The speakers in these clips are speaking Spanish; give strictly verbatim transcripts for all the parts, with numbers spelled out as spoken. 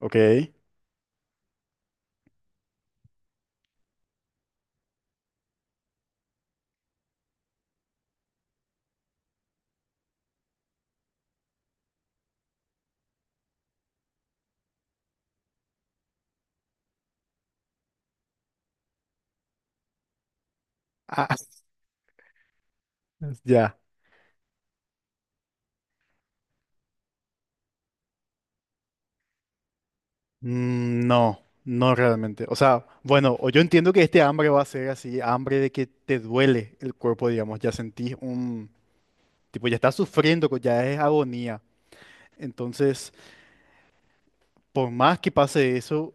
Ok. Ah, ya. Mm, No, no realmente. O sea, bueno, o yo entiendo que este hambre va a ser así, hambre de que te duele el cuerpo, digamos, ya sentís un, tipo, ya estás sufriendo, co- ya es agonía. Entonces, por más que pase eso,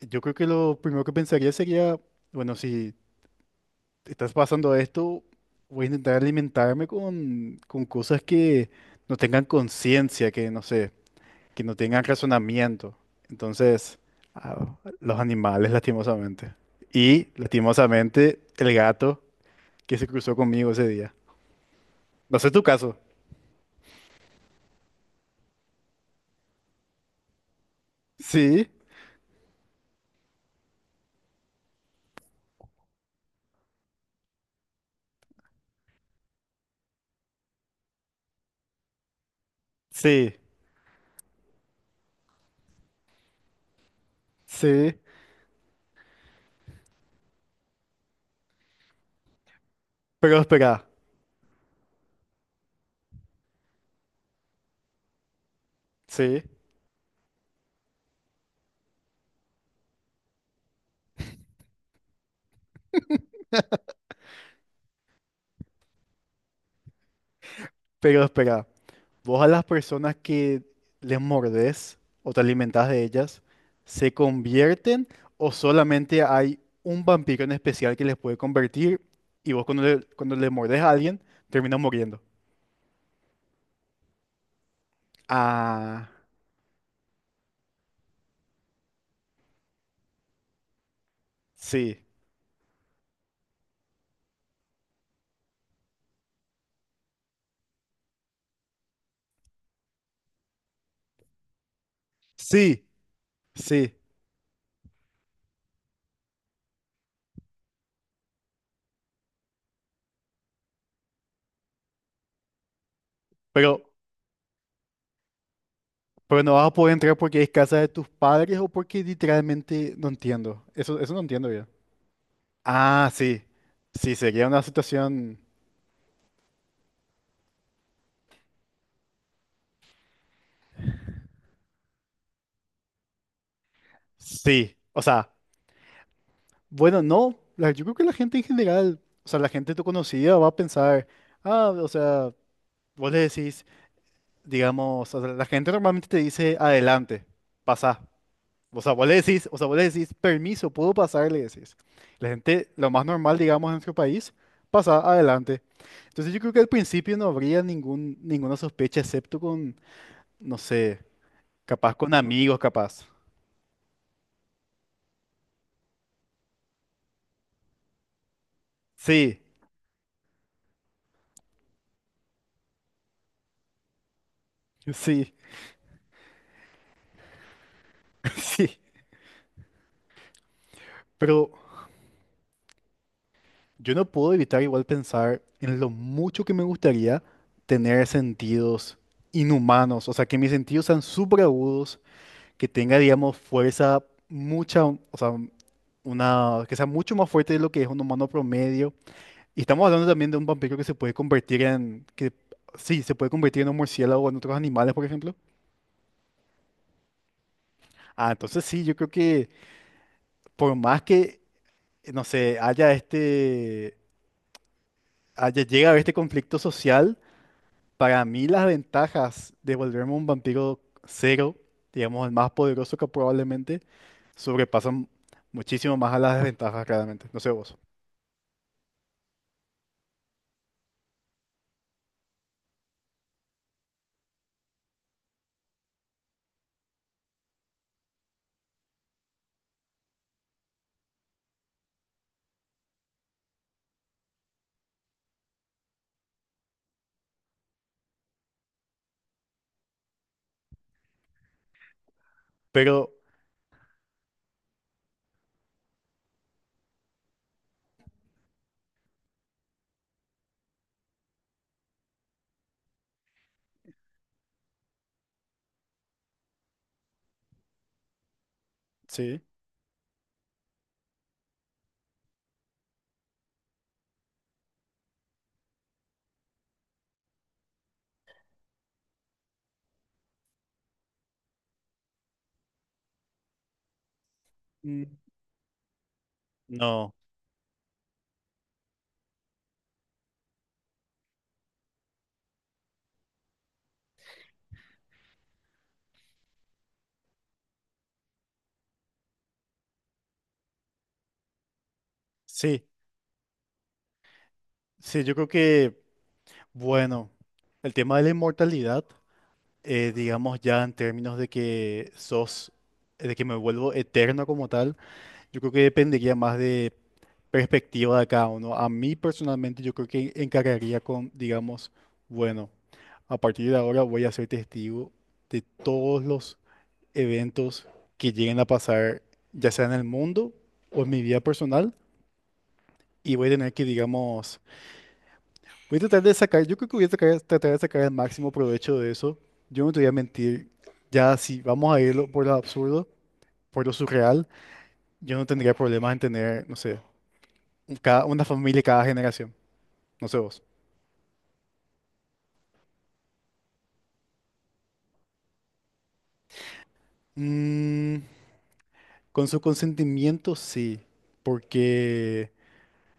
yo creo que lo primero que pensaría sería, bueno, si estás pasando esto, voy a intentar alimentarme con, con cosas que no tengan conciencia, que no sé. Que no tengan razonamiento. Entonces, a los animales, lastimosamente. Y, lastimosamente, el gato que se cruzó conmigo ese día. No sé tu caso. Sí, sí, sí, pero espera, sí, pero espera. Vos a las personas que les mordés o te alimentás de ellas, ¿se convierten o solamente hay un vampiro en especial que les puede convertir y vos cuando le, cuando le mordés a alguien, terminas muriendo? Ah. Sí, sí, sí, pero, pero no vas a poder entrar porque es casa de tus padres o porque literalmente no entiendo. Eso, eso no entiendo bien. Ah, sí, sí, sería una situación, sí, o sea, bueno, no, la- yo creo que la gente en general, o sea, la gente tu conocida va a pensar, ah, o sea, vos le decís, digamos, o sea, la gente normalmente te dice, adelante, pasa. O sea, vos le decís, o sea, vos le decís, permiso, puedo pasar, le decís. La gente, lo más normal, digamos, en nuestro país, pasa adelante. Entonces yo creo que al principio no habría ningún, ninguna sospecha, excepto con, no sé, capaz con amigos, capaz. Sí, sí, sí. Pero yo no puedo evitar igual pensar en lo mucho que me gustaría tener sentidos inhumanos, o sea, que mis sentidos sean súper agudos, que tenga, digamos, fuerza mucha, o sea, una, que sea mucho más fuerte de lo que es un humano promedio. Y estamos hablando también de un vampiro que se puede convertir en, que sí, se puede convertir en un murciélago o en otros animales, por ejemplo. Ah, entonces sí, yo creo que por más que, no sé, haya este, haya, llegue a haber este conflicto social, para mí las ventajas de volverme un vampiro cero, digamos, el más poderoso que probablemente, sobrepasan muchísimo más a las desventajas, claramente. No sé vos. Pero sí, mm, no, sí, sí, yo creo que, bueno, el tema de la inmortalidad, eh, digamos ya en términos de que sos, eh, de que me vuelvo eterno como tal, yo creo que dependería más de perspectiva de cada uno. A mí personalmente yo creo que encargaría con, digamos, bueno, a partir de ahora voy a ser testigo de todos los eventos que lleguen a pasar, ya sea en el mundo o en mi vida personal y voy a tener que, digamos, voy a tratar de sacar, yo creo que voy a sacar- tratar de sacar el máximo provecho de eso. Yo no te voy a mentir, ya si vamos a irlo por lo absurdo, por lo surreal, yo no tendría problemas en tener, no sé, un- cada, una familia cada generación, no sé vos. Mm, con su consentimiento sí, porque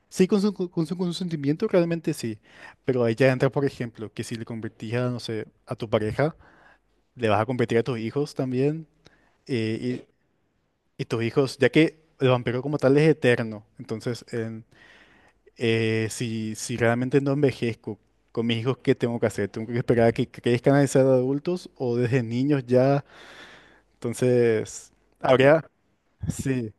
sí, con su, con su consentimiento realmente sí, pero ahí ya entra, por ejemplo, que si le convertís a, no sé, a tu pareja, le vas a convertir a tus hijos también, eh, y tus hijos, ya que el vampiro como tal es eterno, entonces en- eh, si, si realmente no envejezco con mis hijos, ¿qué tengo que hacer? ¿Tengo que esperar a que crezcan a ser adultos o desde niños ya? Entonces, habría, sí,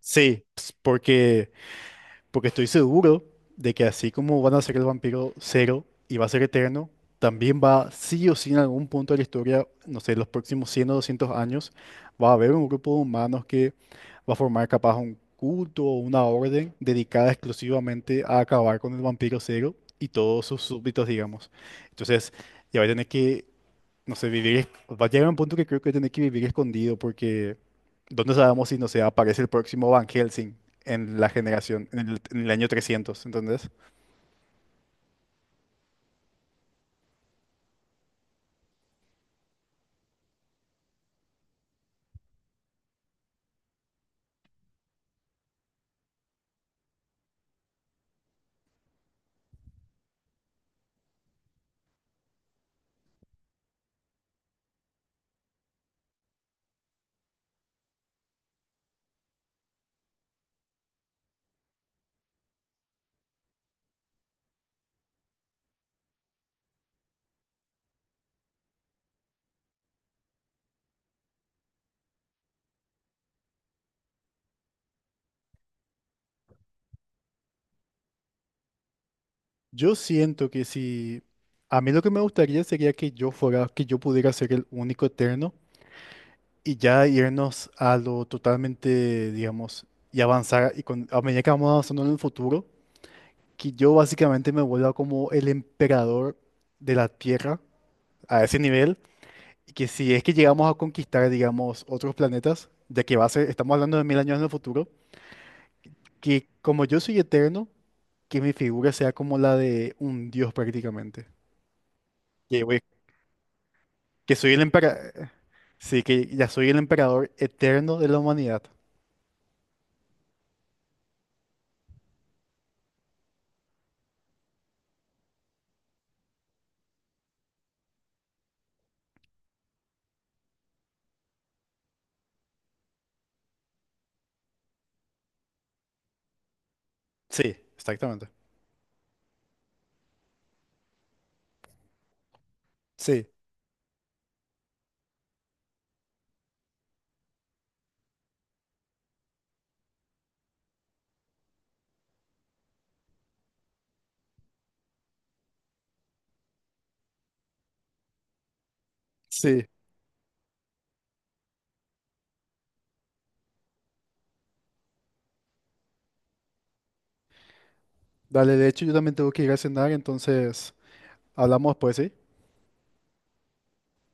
sí, ps- porque Porque estoy seguro de que así como van a ser el vampiro cero y va a ser eterno, también va sí o sí en algún punto de la historia, no sé, los próximos cien o doscientos años, va a haber un grupo de humanos que va a formar capaz un culto o una orden dedicada exclusivamente a acabar con el vampiro cero y todos sus súbditos, digamos. Entonces, ya va a tener que, no sé, vivir, es- va a llegar un punto que creo que tener que vivir escondido porque ¿dónde sabemos si, no sé, aparece el próximo Van Helsing en la generación, en el, en el año trescientos, ¿entendés? Yo siento que si, a mí lo que me gustaría sería que yo fuera, que yo pudiera ser el único eterno y ya irnos a lo totalmente, digamos, y avanzar, y con, a medida que vamos avanzando en el futuro, que yo básicamente me vuelva como el emperador de la Tierra a ese nivel, que si es que llegamos a conquistar, digamos, otros planetas, ya que va a ser, estamos hablando de mil años en el futuro, que como yo soy eterno, que mi figura sea como la de un dios prácticamente. Que, voy- que soy el emperador. Sí, que ya soy el emperador eterno de la humanidad. Sí, exactamente. Sí, sí. Dale, de hecho yo también tengo que ir a cenar, entonces hablamos después, ¿sí?